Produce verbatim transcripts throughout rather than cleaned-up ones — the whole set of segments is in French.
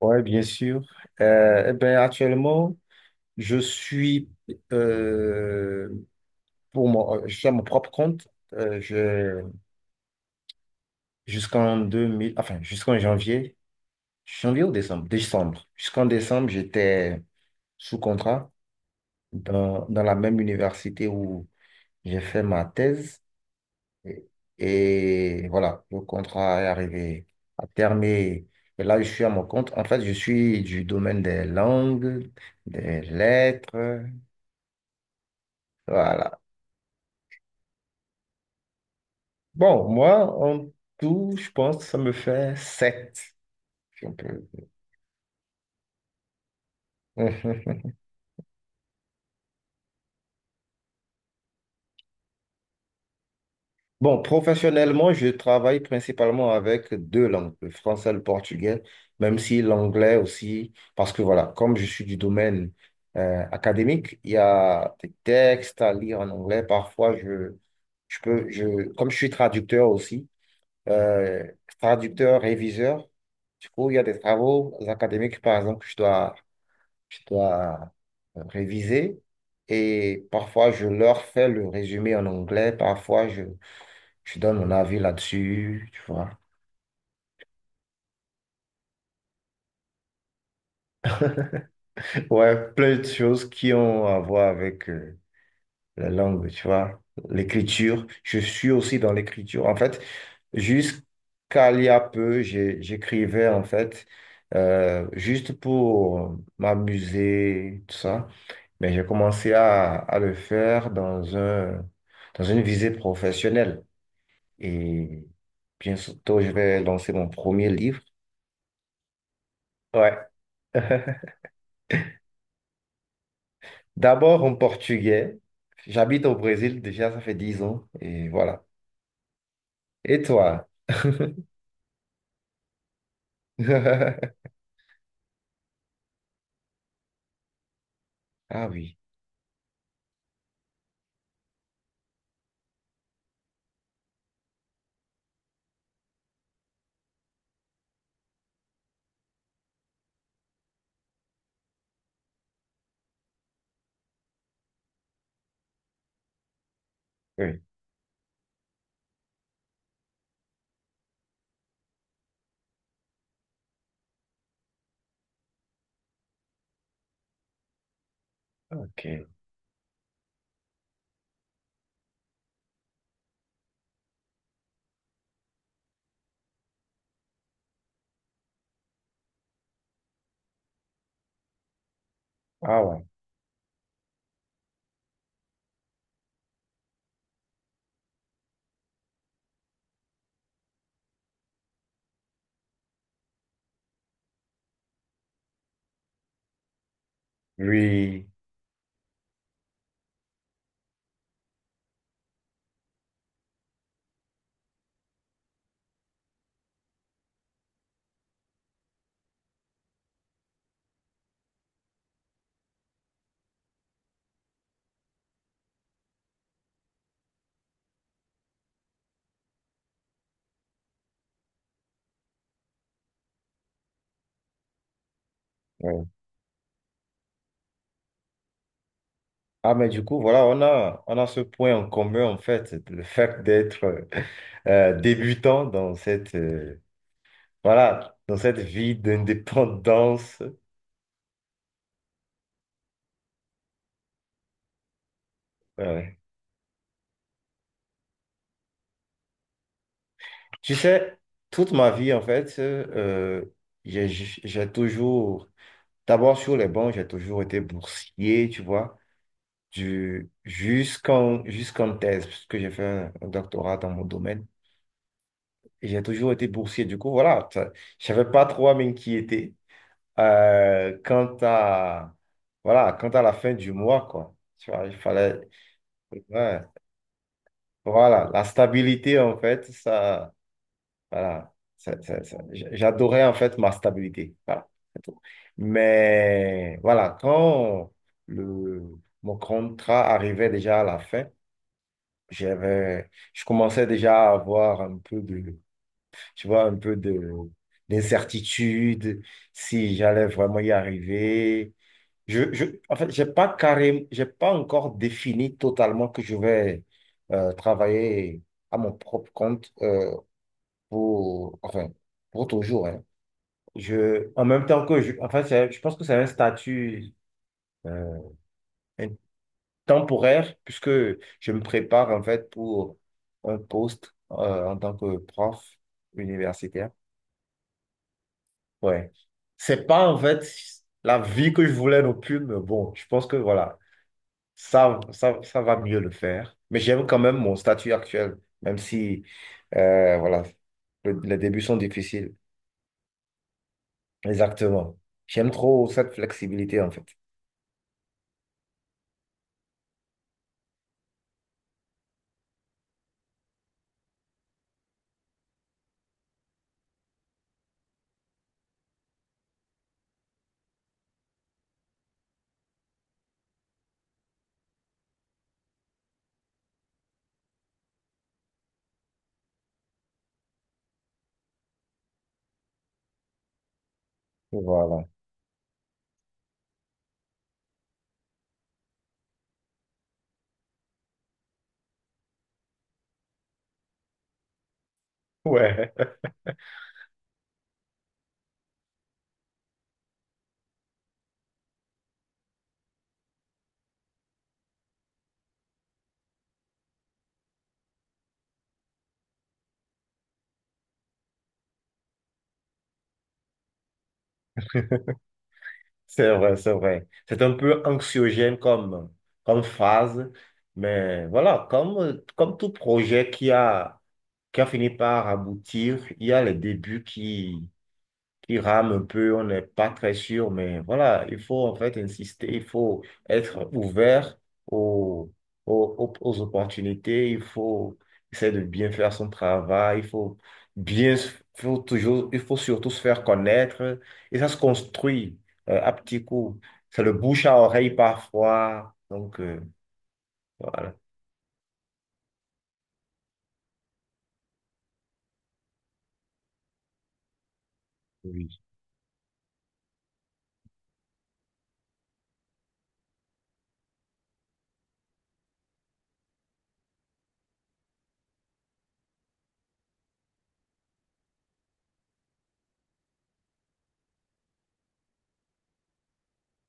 Ouais, bien sûr. Euh, eh ben, actuellement, je suis euh, pour mon, je suis à mon propre compte. Euh, je, jusqu'en deux mille, enfin, jusqu'en janvier, janvier ou décembre? Décembre. Jusqu'en décembre, j'étais sous contrat dans, dans la même université où j'ai fait ma thèse. Et, et voilà, le contrat est arrivé à terme. Et et là, je suis à mon compte. En fait, je suis du domaine des langues, des lettres. Voilà. Bon, moi, en tout, je pense que ça me fait sept. Si on peut. Bon, professionnellement, je travaille principalement avec deux langues, le français et le portugais, même si l'anglais aussi, parce que voilà, comme je suis du domaine euh, académique, il y a des textes à lire en anglais. Parfois, je, je peux, je, comme je suis traducteur aussi, euh, traducteur, réviseur, du coup, il y a des travaux académiques, par exemple, que je dois je dois euh, réviser. Et parfois, je leur fais le résumé en anglais, parfois, je, je donne mon avis là-dessus, tu vois. Ouais, plein de choses qui ont à voir avec, euh, la langue, tu vois, l'écriture. Je suis aussi dans l'écriture. En fait, jusqu'à il y a peu, j'ai- j'écrivais, en fait, euh, juste pour m'amuser, tout ça. Mais j'ai commencé à, à le faire dans un, dans une visée professionnelle. Et bientôt, je vais lancer mon premier livre. Ouais. D'abord en portugais. J'habite au Brésil déjà, ça fait dix ans. Et voilà. Et toi? Ah oui, oui, ok. Ah ouais, oui, oui. Ah mais du coup, voilà, on a, on a ce point en commun en fait, c'est le fait d'être euh, euh, débutant dans cette, euh, voilà, dans cette vie d'indépendance. Ouais, ouais. Tu sais, toute ma vie en fait, euh, j'ai j'ai toujours, d'abord sur les bancs, j'ai toujours été boursier, tu vois, du, jusqu'en, jusqu'en thèse, puisque j'ai fait un un doctorat dans mon domaine. Et j'ai toujours été boursier. Du coup, voilà, ça- je savais pas trop à m'inquiéter euh, quant à, voilà, quant à la fin du mois, quoi. Tu vois, il fallait... Ouais. Voilà, la stabilité, en fait, ça... Voilà, ça- ça- ça- j- j'adorais, en fait, ma stabilité. Voilà, c'est tout. Mais, voilà, quand le, mon contrat arrivait déjà à la fin, j'avais, je commençais déjà à avoir un peu de... tu vois, un peu de d'incertitude, si j'allais vraiment y arriver. Je, je, en fait, j'ai pas carré, j'ai pas encore défini totalement que je vais euh, travailler à mon propre compte euh, pour, enfin, pour toujours, hein. Je, en même temps que je, enfin, c'est- je pense que c'est un statut euh, un- temporaire puisque je me prépare en fait pour un poste euh, en tant que prof universitaire. Ouais. C'est pas en fait la vie que je voulais non plus, mais bon, je pense que voilà, ça, ça, ça va mieux le faire. Mais j'aime quand même mon statut actuel, même si euh, voilà, le- les débuts sont difficiles. Exactement. J'aime trop cette flexibilité en fait. Voilà. Ouais. C'est vrai, c'est vrai. C'est un peu anxiogène comme, comme phase, mais voilà, comme, comme tout projet qui a, qui a fini par aboutir, il y a les débuts qui, qui rame un peu, on n'est pas très sûr, mais voilà, il faut en fait insister, il faut être ouvert aux, aux, aux- aux opportunités, il faut essayer de bien faire son travail, il faut bien, s- faut toujours, il faut surtout se faire connaître, et ça se construit euh, à petits coups. C'est le bouche à oreille parfois, donc euh, voilà, oui,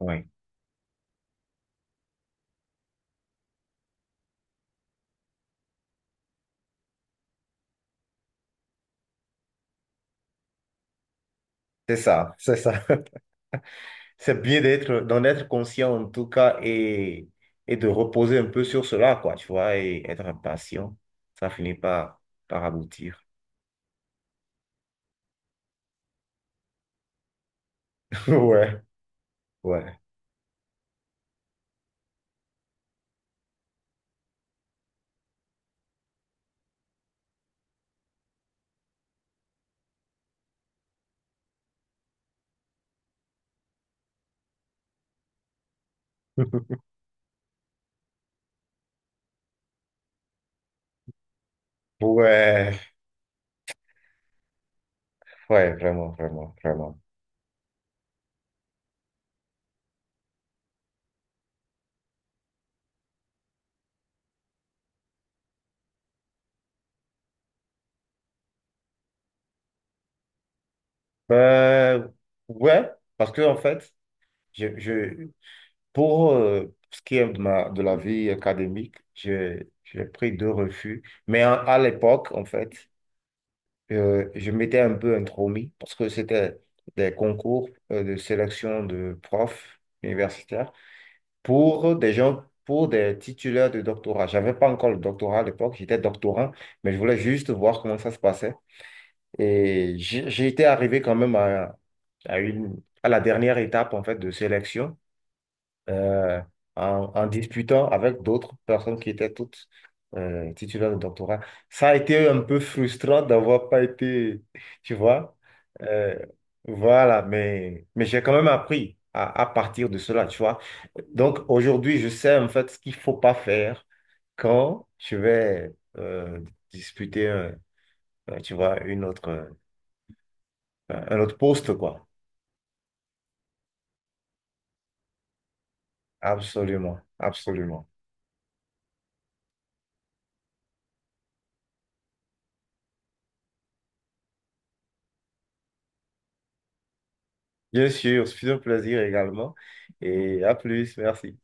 oui, c'est ça, c'est ça. C'est bien d'être, d'en être conscient en tout cas et, et de reposer un peu sur cela, quoi, tu vois, et être impatient. Ça finit par, par aboutir. Ouais, ouais. Ouais, ouais, vraiment, vraiment, vraiment. Euh, ouais, parce que en fait, je, je, pour euh, ce qui est de ma, de la vie académique, je, j'ai pris deux refus. Mais à, à l'époque, en fait, Euh, je m'étais un peu intromis parce que c'était des concours euh, de sélection de profs universitaires pour des gens, pour des titulaires de doctorat. J'avais pas encore le doctorat à l'époque, j'étais doctorant, mais je voulais juste voir comment ça se passait. Et j'ai j'ai été arrivé quand même à, à une, à la dernière étape en fait de sélection euh, en, en disputant avec d'autres personnes qui étaient toutes euh, titulaires de doctorat. Ça a été un peu frustrant d'avoir pas été, tu vois. Euh, voilà, mais, mais j'ai quand même appris à, à partir de cela, tu vois. Donc aujourd'hui, je sais en fait ce qu'il faut pas faire quand je vais euh, disputer, un- un, tu vois, une autre, euh, un autre poste, quoi. Absolument, absolument. Bien sûr, c'est un plaisir également. Et à plus, merci.